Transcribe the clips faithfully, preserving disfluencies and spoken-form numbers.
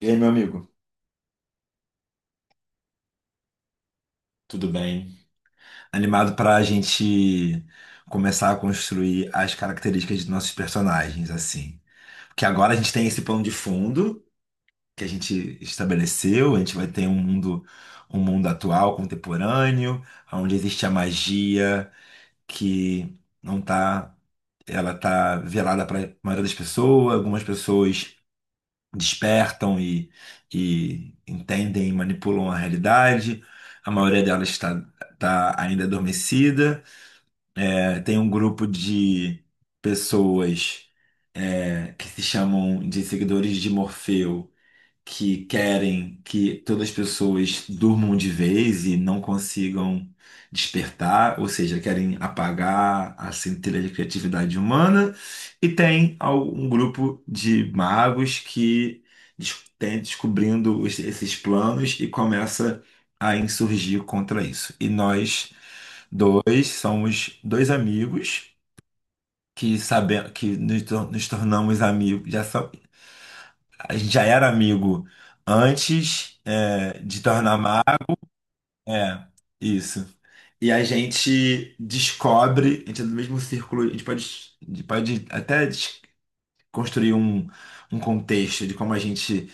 E aí, meu amigo, tudo bem? Animado para a gente começar a construir as características de nossos personagens, assim. Porque agora a gente tem esse plano de fundo que a gente estabeleceu, a gente vai ter um mundo, um mundo atual, contemporâneo, onde existe a magia que não tá, ela tá velada para a maioria das pessoas. Algumas pessoas despertam e, e entendem e manipulam a realidade. A maioria delas está tá ainda adormecida. É, tem um grupo de pessoas é, que se chamam de seguidores de Morfeu, que querem que todas as pessoas durmam de vez e não consigam despertar, ou seja, querem apagar a centelha de criatividade humana, e tem al- um grupo de magos que des- tem descobrindo os- esses planos e começa a insurgir contra isso. E nós dois somos dois amigos que sabemos que nos, tor- nos tornamos amigos, a gente já era amigo antes, é, de tornar mar. É, isso. E a gente descobre, a gente é do mesmo círculo, a gente pode, a gente pode até des- construir um, um contexto de como a gente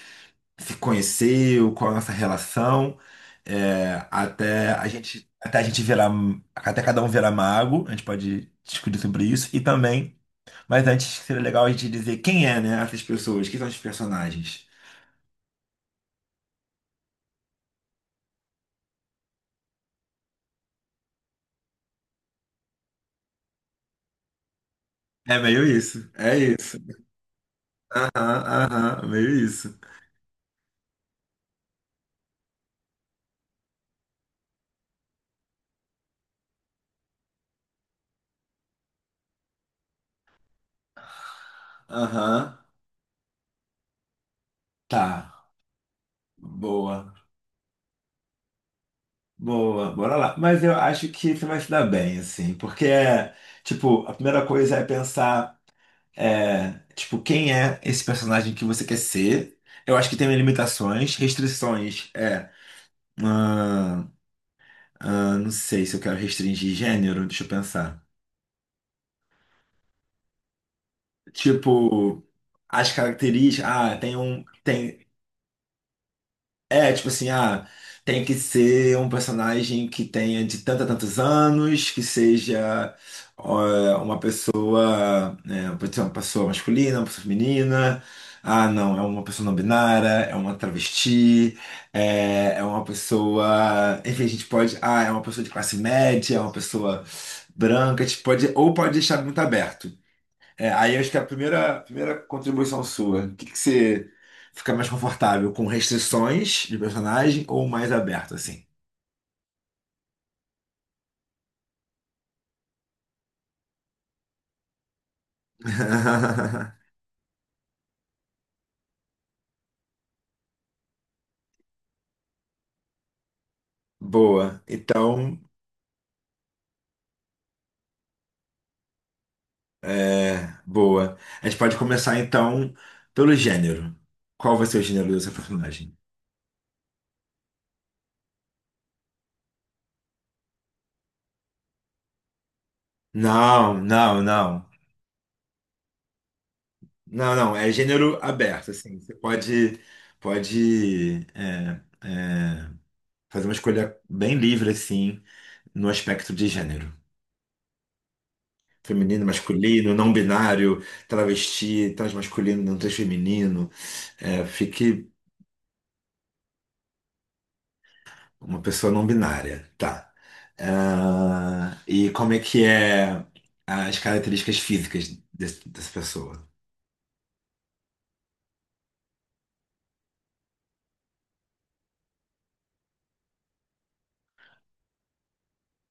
se conheceu, qual a nossa relação, é, até a gente, até a gente virar, até cada um virar mago. A gente pode discutir sobre isso, e também, mas antes seria legal a gente dizer quem é, né, essas pessoas, quem são os personagens. É meio isso. É isso. Aham, aham, meio isso. Aham. Tá. Boa. Boa. Bora lá. Mas eu acho que você vai se dar bem, assim. Porque, é, tipo, a primeira coisa é pensar, é, tipo, quem é esse personagem que você quer ser? Eu acho que tem limitações, restrições. É. ah, ah, não sei se eu quero restringir gênero, deixa eu pensar. Tipo, as características. Ah, tem um. Tem. É, tipo assim, ah, tem que ser um personagem que tenha de tantos a tantos anos, que seja ó, uma pessoa, né, pode ser uma pessoa masculina, uma pessoa feminina. Ah, não, é uma pessoa não binária, é uma travesti, é, é uma pessoa. Enfim, a gente pode. Ah, é uma pessoa de classe média, é uma pessoa branca, a gente pode, ou pode deixar muito aberto. É, aí acho que é a primeira, primeira contribuição sua, o que, que você fica mais confortável, com restrições de personagem ou mais aberto, assim? Boa. Então, é, boa. A gente pode começar então pelo gênero. Qual vai ser o gênero do seu personagem? Não, não, não. Não, não. É gênero aberto, assim. Você pode, pode é, é, fazer uma escolha bem livre, assim, no aspecto de gênero. Feminino, masculino, não binário, travesti, transmasculino, não transfeminino. É, fique uma pessoa não binária, tá? Ah, e como é que é as características físicas desse- dessa pessoa?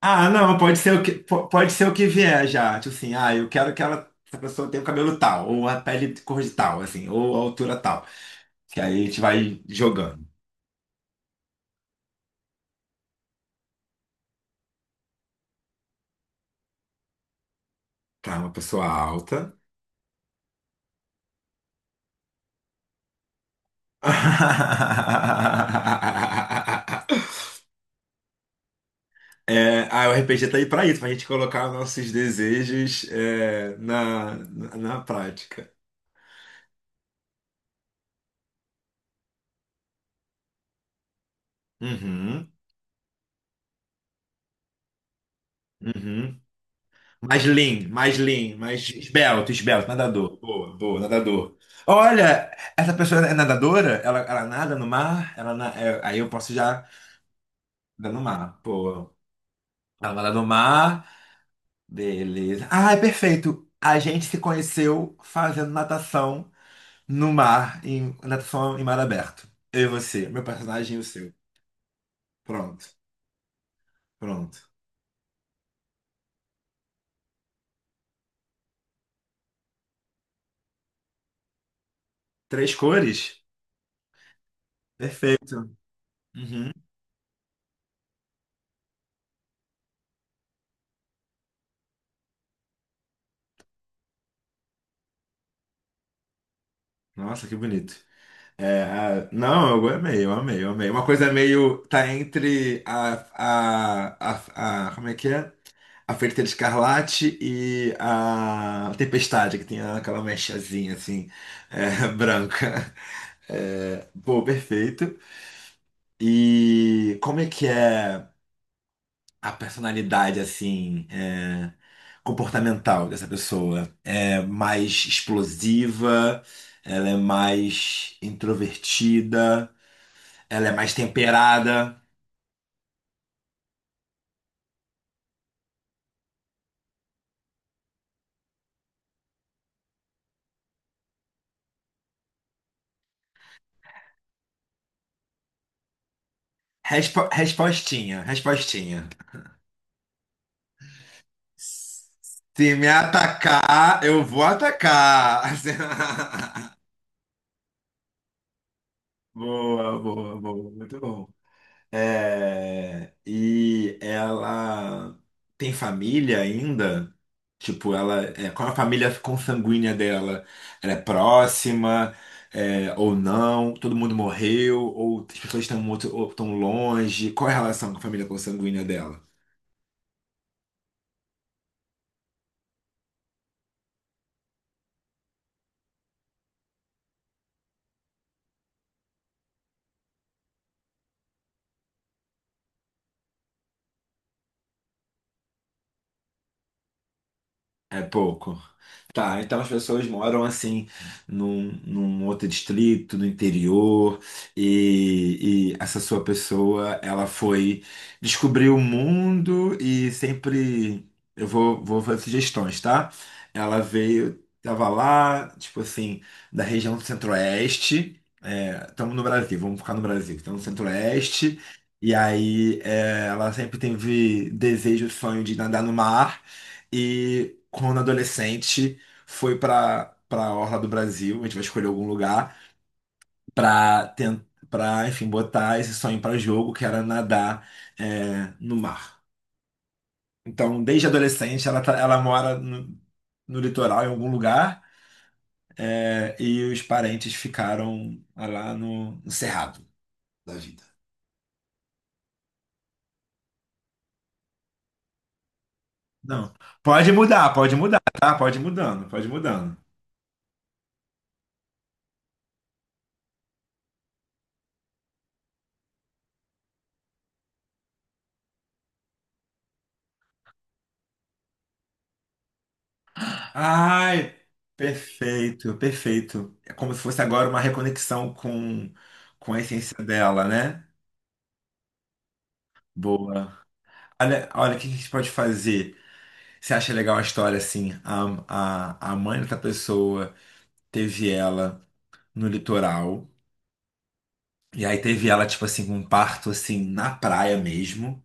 Ah, não, pode ser o que, po- pode ser o que vier já. Tipo assim, ah, eu quero que ela, essa pessoa tenha o cabelo tal, ou a pele de cor de tal, assim, ou a altura tal. Que aí a gente vai jogando. Tá, uma pessoa alta. É, ah, o G tá aí pra isso, pra gente colocar nossos desejos é, na, na, na prática. Uhum, uhum. Mais lean, mais lean, mais esbelto, esbelto, nadador. Boa, boa, nadador. Olha, essa pessoa é nadadora? Ela, ela nada no mar? Ela na- é, aí eu posso já nadar no mar. Pô, ela nada no mar, beleza. Ah, é perfeito. A gente se conheceu fazendo natação no mar, em natação em mar aberto. Eu e você, meu personagem e o seu. Pronto, pronto. Três cores? Perfeito. Uhum. Nossa, que bonito. É, a- não, eu amei, eu amei, eu amei. Uma coisa meio. Tá entre a, a, a, a- como é que é? A Feiticeira Escarlate e a Tempestade, que tem aquela mechazinha assim, é, branca. É, pô, perfeito. E como é que é a personalidade, assim, é, comportamental dessa pessoa? É mais explosiva, ela é mais introvertida, ela é mais temperada. Respo- respostinha, respostinha. Se me atacar, eu vou atacar. Boa, boa, boa, muito bom. É, e ela tem família ainda, tipo, ela, é, qual é a família consanguínea dela? Ela é próxima, é, ou não? Todo mundo morreu, ou as pessoas estão muito, ou estão longe? Qual é a relação com a família consanguínea dela? É pouco. Tá, então as pessoas moram assim num, num outro distrito, no interior, e, e essa sua pessoa, ela foi descobrir o mundo, e sempre eu vou, vou fazer sugestões, tá? Ela veio, tava lá, tipo assim, da região do Centro-Oeste. Estamos no Brasil, vamos ficar no Brasil. Estamos no Centro-Oeste. E aí, é, ela sempre teve desejo, sonho de nadar no mar. E quando adolescente, foi para para Orla do Brasil. A gente vai escolher algum lugar para tentar, para, enfim, botar esse sonho pra jogo, que era nadar é, no mar. Então, desde adolescente, ela, tá- ela mora no, no litoral, em algum lugar, é, e os parentes ficaram lá no, no cerrado da vida. Não, pode mudar, pode mudar, tá? Pode ir mudando, pode ir mudando. Ai, perfeito, perfeito. É como se fosse agora uma reconexão com, com a essência dela, né? Boa. Olha, olha, o que a gente pode fazer? Você acha legal a história assim? A, a, a mãe da pessoa teve ela no litoral, e aí teve ela, tipo assim, com um parto assim na praia mesmo.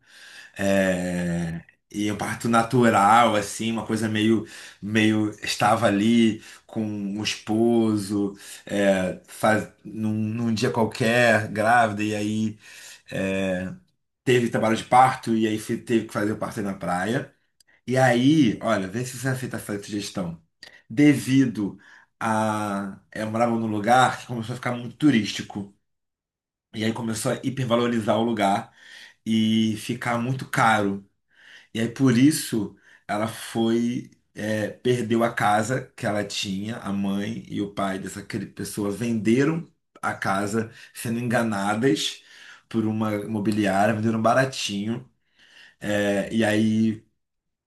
É, e um parto natural, assim, uma coisa meio, meio estava ali com o esposo, é, faz, num, num dia qualquer, grávida, e aí é, teve trabalho de parto, e aí fe- teve que fazer o parto aí na praia. E aí, olha, vê se você aceita essa sugestão. Devido a. é, Eu morava num lugar que começou a ficar muito turístico, e aí começou a hipervalorizar o lugar e ficar muito caro. E aí por isso ela foi, é, perdeu a casa que ela tinha, a mãe e o pai dessa cri- pessoa venderam a casa sendo enganadas por uma imobiliária, venderam baratinho. É, e aí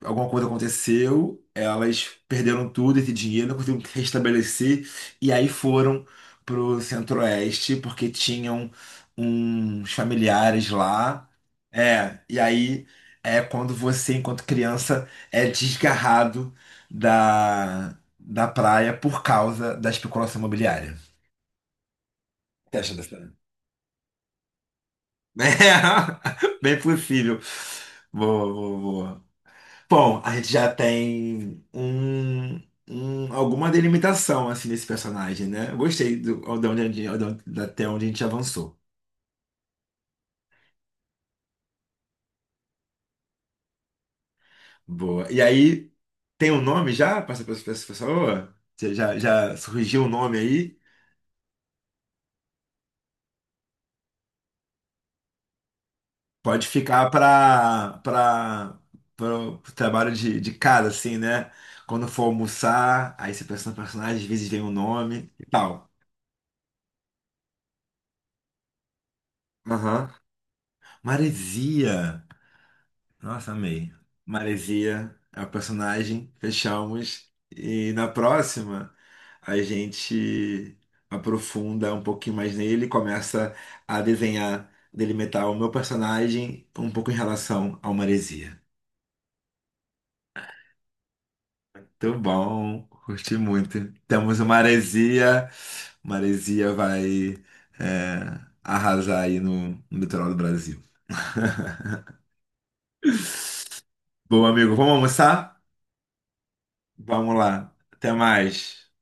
alguma coisa aconteceu, elas perderam tudo, esse dinheiro, não conseguiram se restabelecer, e aí foram pro Centro-Oeste, porque tinham uns familiares lá. É, e aí é quando você, enquanto criança, é desgarrado da, da praia por causa da especulação imobiliária. O que acha dessa? É, bem possível. Boa, boa, boa. Bom, a gente já tem um, um- alguma delimitação assim desse personagem, né? Eu gostei do, de onde, a gente- de onde- até onde a gente avançou. Boa. E aí, tem um nome já para essa pe- pra essa pessoa? Você Já, já surgiu o um nome aí? Pode ficar para para o trabalho de, de casa, assim, né? Quando for almoçar, aí você pensa no personagem, às vezes vem o nome e tal. Aham. Maresia. Nossa, amei. Maresia é o personagem, fechamos. E na próxima, a gente aprofunda um pouquinho mais nele, começa a desenhar, delimitar o meu personagem um pouco em relação ao Maresia. Muito bom, curti muito. Temos o Maresia. Maresia vai, é, arrasar aí no, no litoral do Brasil. Bom, amigo, vamos almoçar? Vamos lá. Até mais.